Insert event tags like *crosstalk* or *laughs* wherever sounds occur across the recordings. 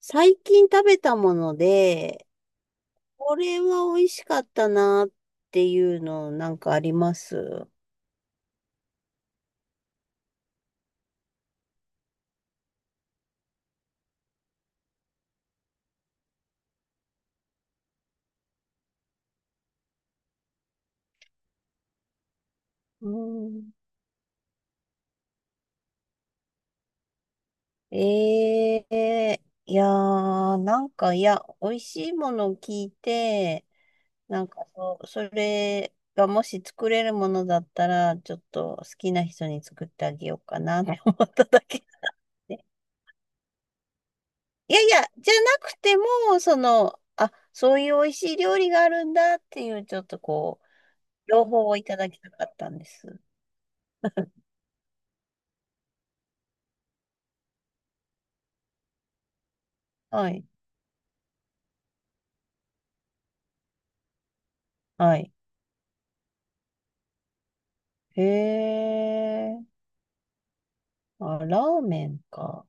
最近食べたもので、これは美味しかったなっていうのなんかあります？うん、ええ、いやー、なんか、いや、美味しいものを聞いて、なんか、そう、それがもし作れるものだったら、ちょっと好きな人に作ってあげようかなって思っただけなんで。いやいや、じゃなくても、その、あ、そういう美味しい料理があるんだっていう、ちょっとこう、両方をいただきたかったんです。はい。はい。へえ。あ、ラーメンか。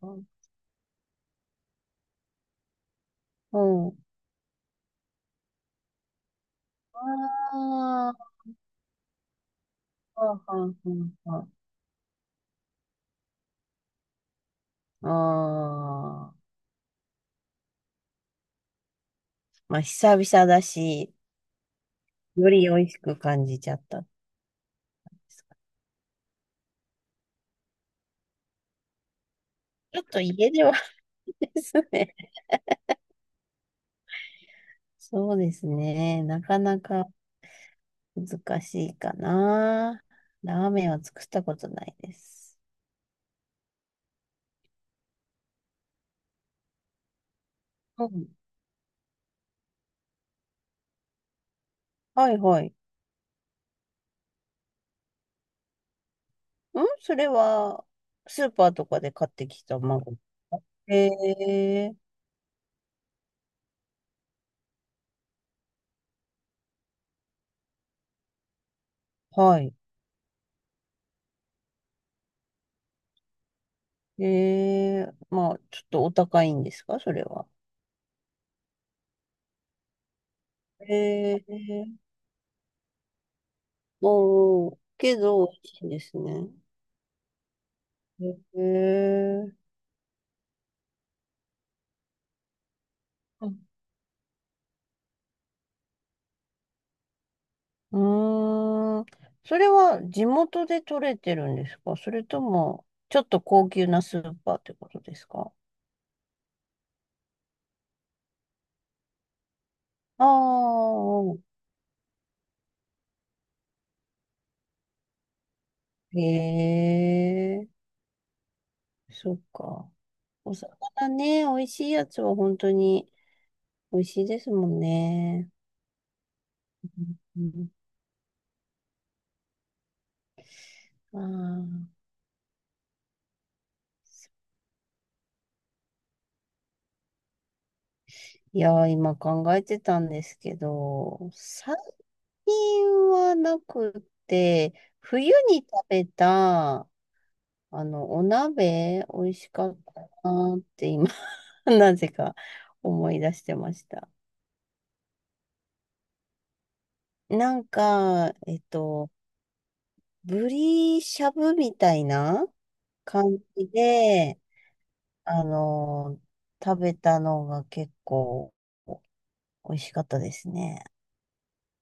うん。ああ、はんはんはんはん。ああ。まあ、久々だし、より美味しく感じちゃったんですか。ちょっと家では *laughs* ですね。そうですね。なかなか難しいかな。ラーメンは作ったことないです。うん。はいはい。それは、スーパーとかで買ってきた孫。ええ、はい。ええ、まあ、ちょっとお高いんですか、それは。ええ、おー、けど、美味しいんですね。ええ、うん、うーん。それは地元で取れてるんですか？それとも、ちょっと高級なスーパーってことですか？ああー、ええ、そっか。お魚ね、美味しいやつは本当に美味しいですもんね。うん、あー、いやー、今考えてたんですけど、最近はなくて、冬に食べた、あの、お鍋、美味しかったなーって今、*laughs* なぜか思い出してました。なんか、ブリしゃぶみたいな感じで、あの、食べたのが結構美味しかったですね。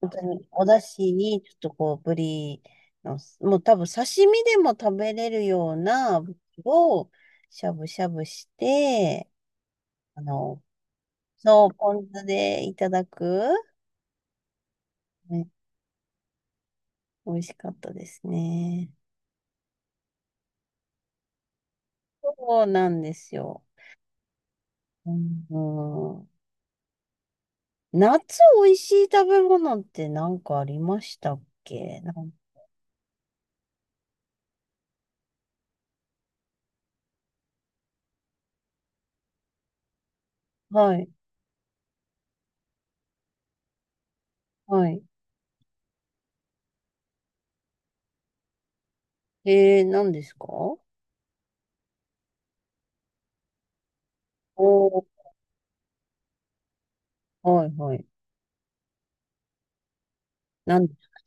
本当にお出汁にちょっとこうブリの、もう多分刺身でも食べれるようなブリをしゃぶしゃぶして、あの、そう、ポン酢でいただく、ね、美味しかったですね。そうなんですよ。うん、うん、夏美味しい食べ物って何かありましたっけ？はい。はい。何ですか？おー、はいはい。何ですか？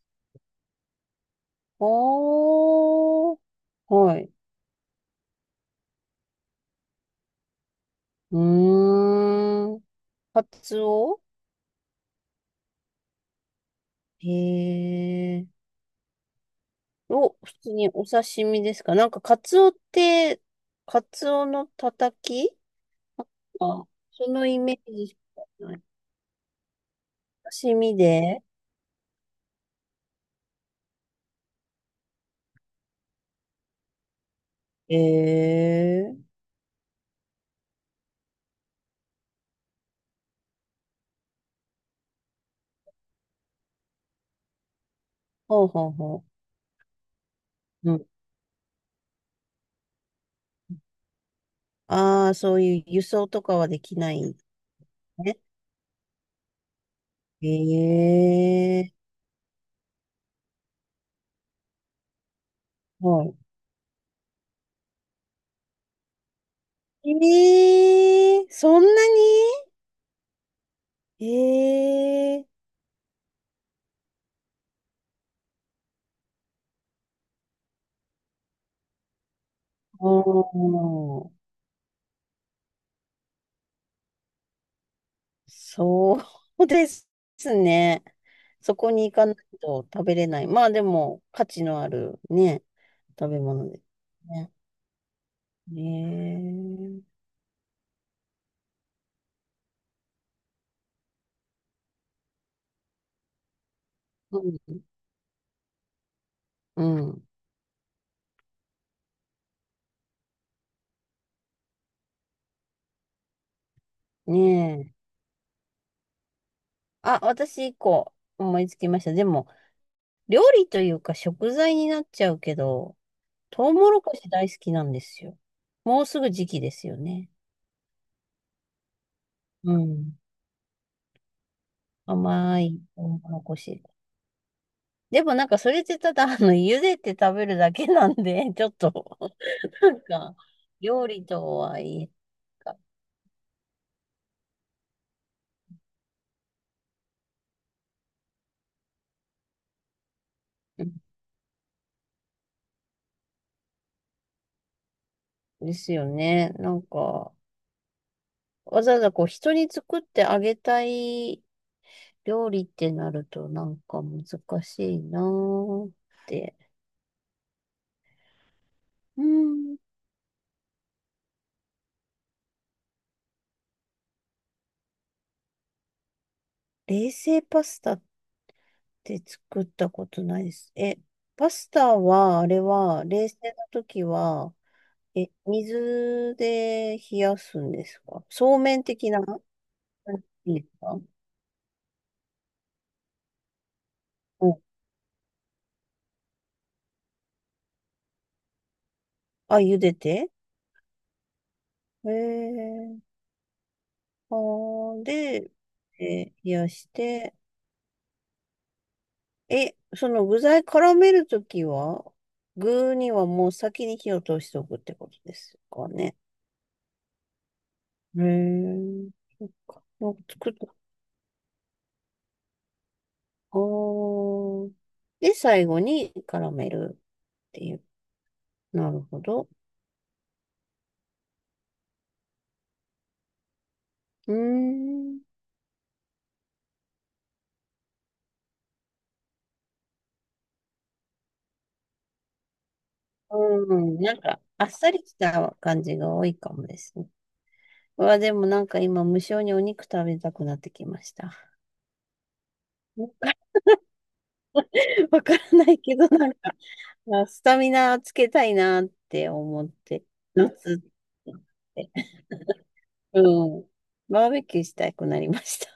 おー、はい。うーん。カツオ？へえ。お、普通にお刺身ですか？なんかカツオって、カツオのたたき、あ、そのイメージしかない。刺身で？へえー。ほうほうほう。うん。ああ、そういう輸送とかはできないんですね。ええ。はい、ええ、そんなに？ええ、おー、そうですね。そこに行かないと食べれない。まあでも、価値のあるね、食べ物ですね。ねえ。うん。うん、ねえ。あ、私一個思いつきました。でも、料理というか食材になっちゃうけど、トウモロコシ大好きなんですよ。もうすぐ時期ですよね。うん。甘いトウモロコシ。でもなんかそれってただ、あの、茹でて食べるだけなんで、*laughs* ちょっと、なんか、料理とはいえ、うん、ですよね。なんか、わざわざこう、人に作ってあげたい料理ってなると、なんか難しいなーって。うん。冷製パスタって作ったことないです。え、パスタは、あれは、冷製の時は、え、水で冷やすんですか？そうめん的な感じですか？お、あ、茹でてえー、あー、で、え、冷やして、え、その具材絡めるときは、具にはもう先に火を通しておくってことですかね。えー、そっか。もう作った。あー。で、最後に絡めるっていう。なるほど。うーん。うん、なんか、あっさりした感じが多いかもですね。うわ、でもなんか今、無性にお肉食べたくなってきました。*laughs* わからないけど、なんか、まあスタミナつけたいなって思って、夏って、うん。バーベキューしたくなりました。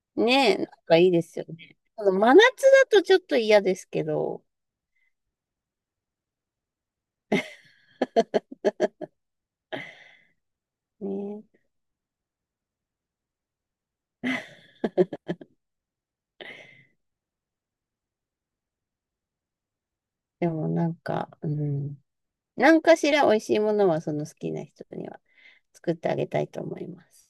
*laughs* ねえ、なんかいいですよね。あの真夏だとちょっと嫌ですけど、ねえ、でもなんか、うん。何かしら美味しいものはその好きな人には作ってあげたいと思います。